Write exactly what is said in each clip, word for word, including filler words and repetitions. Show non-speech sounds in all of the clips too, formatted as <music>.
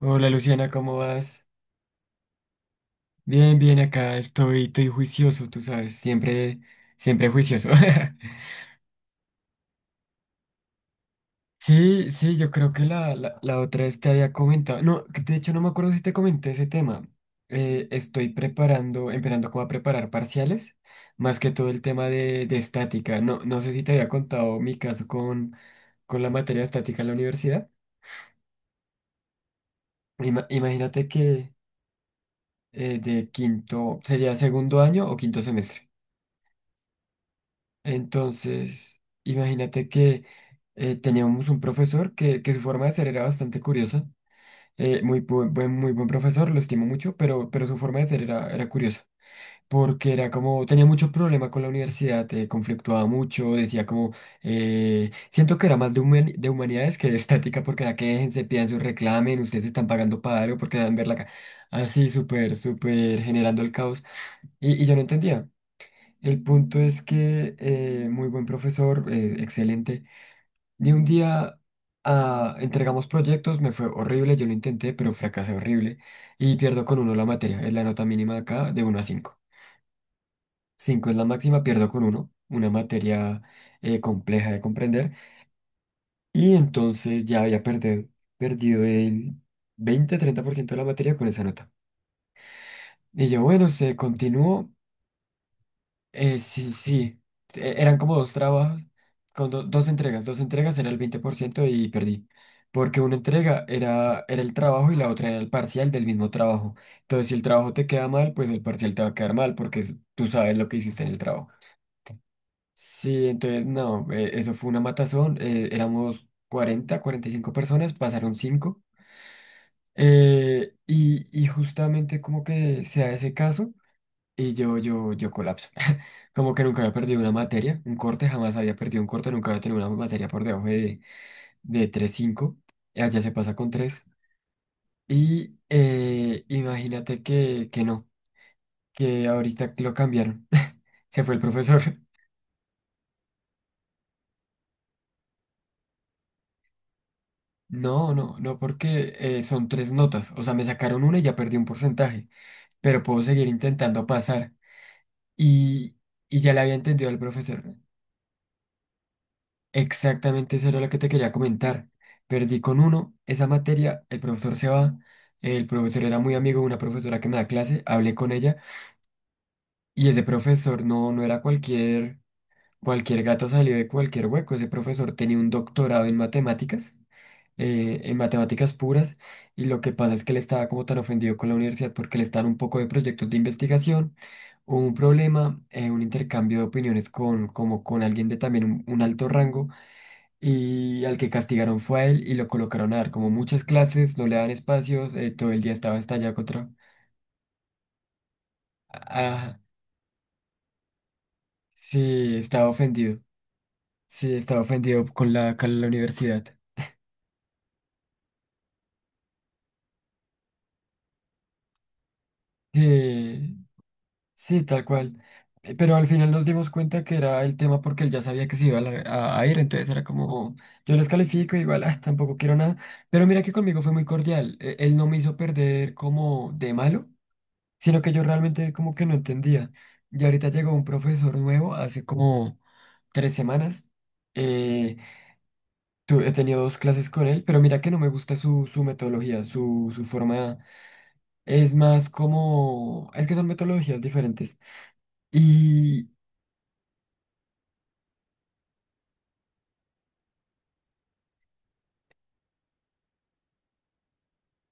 Hola Luciana, ¿cómo vas? Bien, bien, acá estoy, estoy juicioso, tú sabes, siempre, siempre juicioso. <laughs> Sí, sí, yo creo que la, la, la otra vez te había comentado, no, que de hecho no me acuerdo si te comenté ese tema. Eh, estoy preparando, empezando como a preparar parciales, más que todo el tema de, de estática. No, no sé si te había contado mi caso con, con la materia de estática en la universidad. Ima- imagínate que eh, de quinto, sería segundo año o quinto semestre. Entonces, imagínate que eh, teníamos un profesor que, que su forma de ser era bastante curiosa. Eh, muy, bu- buen, muy buen profesor, lo estimo mucho, pero, pero su forma de ser era, era curiosa. Porque era como, tenía mucho problema con la universidad, eh, conflictuaba mucho, decía como, eh, siento que era más de, humani- de humanidades que de estática, porque era que déjense, pidan su reclamen, ustedes están pagando para algo, porque dan verla acá. Así, súper, súper generando el caos. Y, y yo no entendía. El punto es que eh, muy buen profesor, eh, excelente. De un día a- entregamos proyectos, me fue horrible, yo lo intenté, pero fracasé horrible y pierdo con uno la materia. Es la nota mínima acá, de uno a cinco. Cinco es la máxima. Pierdo con uno una materia eh, compleja de comprender, y entonces ya había perdido, perdido el veinte treinta por ciento de la materia con esa nota. Y yo, bueno, se continuó. Eh, sí, sí. E- Eran como dos trabajos, con do- dos entregas. Dos entregas era el veinte por ciento y perdí. Porque una entrega era, era el trabajo, y la otra era el parcial del mismo trabajo. Entonces, si el trabajo te queda mal, pues el parcial te va a quedar mal porque es- tú sabes lo que hiciste en el trabajo. Sí, entonces, no, eh, eso fue una matazón. eh, éramos cuarenta, cuarenta y cinco personas, pasaron cinco. eh y, y justamente como que se da ese caso. Y yo, yo, yo colapso. <laughs> Como que nunca había perdido una materia, un corte, jamás había perdido un corte, nunca había tenido una materia por debajo de, de tres punto cinco. Y allá se pasa con tres. Y eh, imagínate que, que no, que ahorita lo cambiaron. <laughs> Se fue el profesor. <laughs> No, no, no, porque eh, son tres notas. O sea, me sacaron una y ya perdí un porcentaje. Pero puedo seguir intentando pasar. Y, y ya le había entendido al profesor. Exactamente, eso era lo que te quería comentar. Perdí con uno esa materia, el profesor se va, el profesor era muy amigo de una profesora que me da clase, hablé con ella, y ese profesor no, no era cualquier, cualquier gato salido de cualquier hueco. Ese profesor tenía un doctorado en matemáticas, eh, en matemáticas puras, y lo que pasa es que él estaba como tan ofendido con la universidad porque le estaban un poco de proyectos de investigación. Hubo un problema, eh, un intercambio de opiniones con, como con alguien de también un un alto rango. Y al que castigaron fue a él, y lo colocaron a dar como muchas clases, no le daban espacios, eh, todo el día estaba estallado contra... Ah, sí, estaba ofendido. Sí, estaba ofendido con la, con la universidad. Sí, sí, tal cual. Eh, Pero al final nos dimos cuenta que era el tema porque él ya sabía que se iba a, la- a- a ir, entonces era como, yo les califico, igual, ah, tampoco quiero nada. Pero mira que conmigo fue muy cordial. Eh, él no me hizo perder como de malo, sino que yo realmente como que no entendía. Y ahorita llegó un profesor nuevo hace como tres semanas. Eh, tu- He tenido dos clases con él, pero mira que no me gusta su, su metodología, su, su forma. Es más como... Es que son metodologías diferentes. Y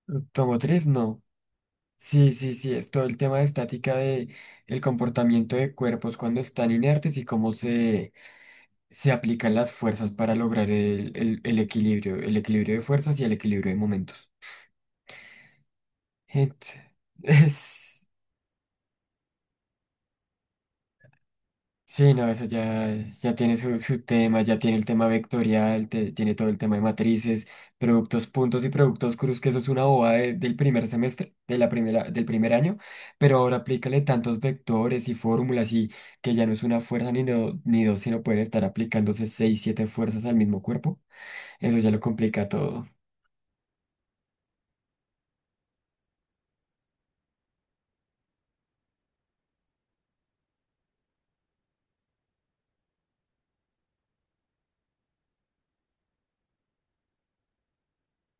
automotriz, no. Sí, sí, sí, es todo el tema de estática, de el comportamiento de cuerpos cuando están inertes y cómo se, se aplican las fuerzas para lograr el, el el equilibrio, el equilibrio de fuerzas y el equilibrio de momentos. Ent- <laughs> es- sí, no, eso ya, ya tiene su, su tema, ya tiene el tema vectorial, te- tiene todo el tema de matrices, productos puntos y productos cruz, que eso es una bobada de- del primer semestre, de la primera, del primer año, pero ahora aplícale tantos vectores y fórmulas, y que ya no es una fuerza ni, do- ni dos, sino pueden estar aplicándose seis, siete fuerzas al mismo cuerpo. Eso ya lo complica todo. <laughs>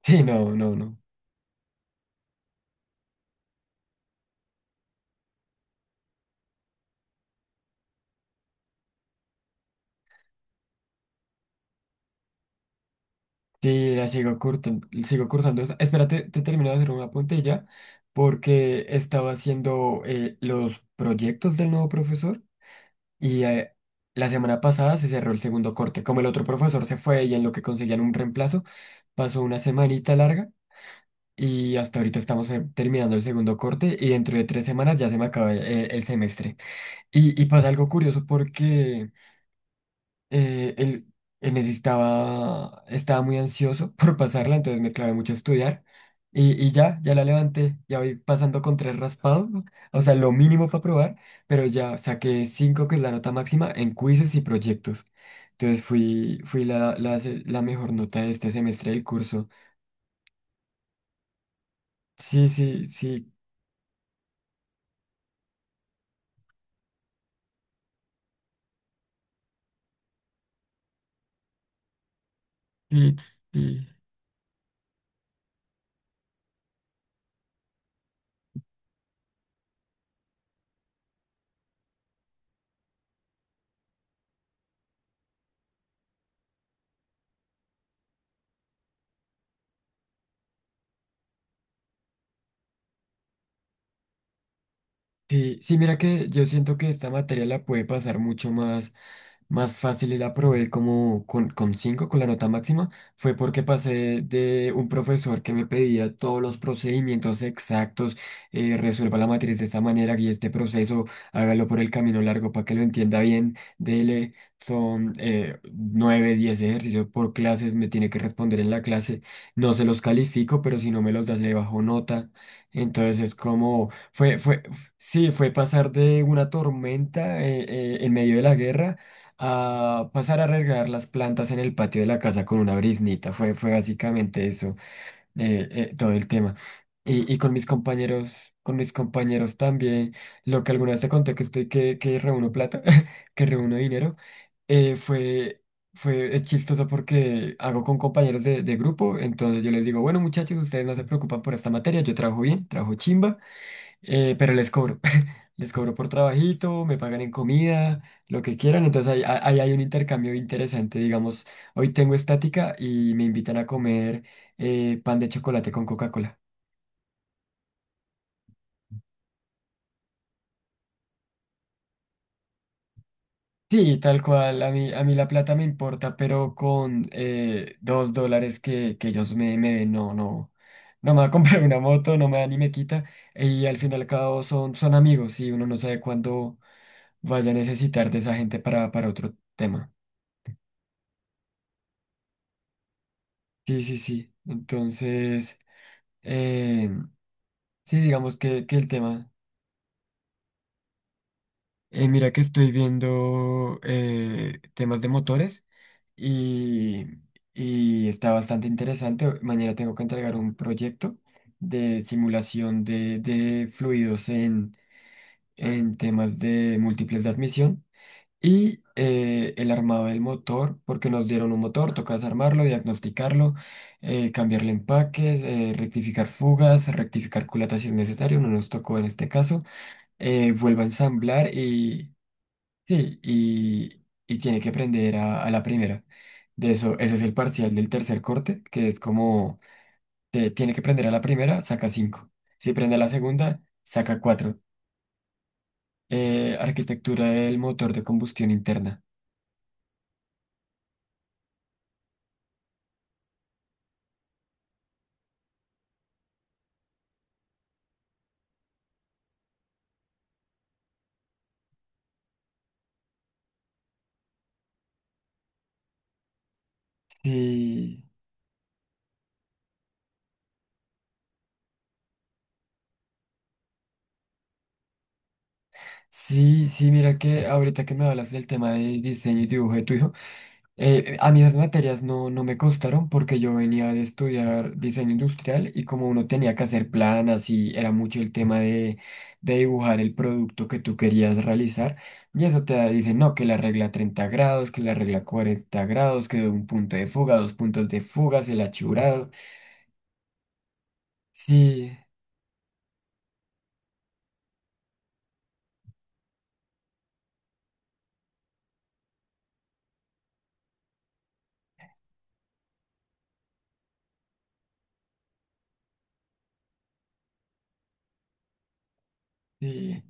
Sí, no, no, no. Sí, la sigo curtando, sigo cursando. esa- Espérate, te termino de hacer una puntilla porque estaba haciendo eh, los proyectos del nuevo profesor, y eh, la semana pasada se cerró el segundo corte. Como el otro profesor se fue y en lo que conseguían un reemplazo, pasó una semanita larga, y hasta ahorita estamos eh, terminando el segundo corte, y dentro de tres semanas ya se me acaba eh, el semestre. Y, y pasa algo curioso porque eh, él, él necesitaba, estaba muy ansioso <laughs> por pasarla, entonces me clavé mucho a estudiar. Y, y ya, ya la levanté, ya voy pasando con tres raspados, ¿no? O sea, lo mínimo para probar, pero ya saqué cinco, que es la nota máxima, en quizzes y proyectos. Entonces fui, fui la, la, se- la mejor nota de este semestre del curso. Sí, sí, sí, sí, sí. Sí, sí, mira que yo siento que esta materia la puede pasar mucho más, más fácil, y la probé como con, con cinco, con la nota máxima. Fue porque pasé de un profesor que me pedía todos los procedimientos exactos, eh, resuelva la matriz de esta manera, guíe este proceso, hágalo por el camino largo para que lo entienda bien. Dele, son eh, nueve, diez ejercicios por clases, me tiene que responder en la clase. No se los califico, pero si no me los das, le bajo nota. Entonces es como... Fue, fue, Sí, fue pasar de una tormenta eh, eh, en medio de la guerra, a pasar a regar las plantas en el patio de la casa con una briznita. Fue, fue básicamente eso, eh, eh, todo el tema. Y, y con mis compañeros, con mis compañeros también, lo que alguna vez te conté que estoy, que, que reúno plata, <laughs> que reúno dinero, eh, fue, fue eh, chistoso porque hago con compañeros de, de grupo. Entonces yo les digo, bueno muchachos, ustedes no se preocupan por esta materia, yo trabajo bien, trabajo chimba. Eh, pero les cobro, <laughs> les cobro por trabajito, me pagan en comida, lo que quieran. Entonces ahí, ahí- ahí hay un intercambio interesante, digamos, hoy tengo estática y me invitan a comer eh, pan de chocolate con Coca-Cola. Sí, tal cual, a mí, a mí la plata me importa, pero con eh, dos dólares que, que ellos me, me den, no, no, no me va a <laughs> comprar una moto, no me da ni me quita, y al fin y al cabo son, son amigos, y uno no sabe cuándo vaya a necesitar de esa gente para, para otro tema. Sí, sí, sí. Entonces, eh, sí, digamos que, que el tema. Eh, mira que estoy viendo eh, temas de motores, y, y está bastante interesante. Mañana tengo que entregar un proyecto de simulación de, de fluidos en, en temas de múltiples de admisión. Y eh, él armaba el motor, porque nos dieron un motor, tocas armarlo, diagnosticarlo, eh, cambiarle empaques, eh, rectificar fugas, rectificar culatas si es necesario, no nos tocó en este caso. Eh, vuelve a ensamblar, y sí, y, y tiene que aprender a, a la primera. De eso, ese es el parcial del tercer corte, que es como, te- tiene que prender a la primera, saca cinco. Si prende a la segunda, saca cuatro. Eh, arquitectura del motor de combustión interna. Sí. Sí, sí, mira que ahorita que me hablas del tema de diseño y dibujo de tu hijo. Eh, a mí esas materias no, no me costaron porque yo venía de estudiar diseño industrial, y como uno tenía que hacer planas y era mucho el tema de, de dibujar el producto que tú querías realizar, y eso te da- dice, no, que la regla treinta grados, que la regla cuarenta grados, que un punto de fuga, dos puntos de fuga, el achurado. Sí, sí.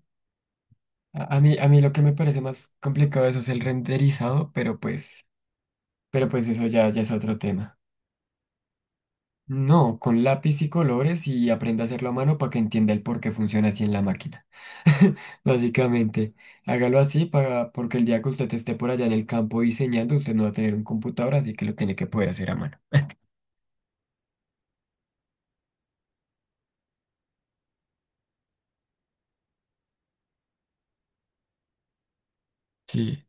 A, a mí, a mí lo que me parece más complicado de eso es el renderizado, pero pues... Pero pues eso ya, ya es otro tema. No, con lápiz y colores, y aprenda a hacerlo a mano para que entienda el por qué funciona así en la máquina. <laughs> Básicamente, hágalo así para, porque el día que usted esté por allá en el campo diseñando, usted no va a tener un computador, así que lo tiene que poder hacer a mano. Sí,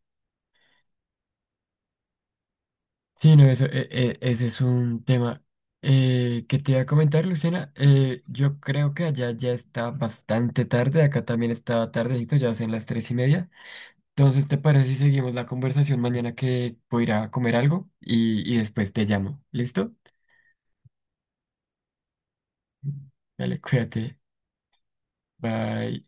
sí, no, eso, e- e- ese es un tema eh, que te iba a comentar, Luciana. Eh, yo creo que allá ya está bastante tarde, acá también está tardecito, ya son las tres y media. Entonces, ¿te parece si seguimos la conversación mañana, que voy a ir a comer algo, y, y después te llamo? ¿Listo? Dale, cuídate. Bye.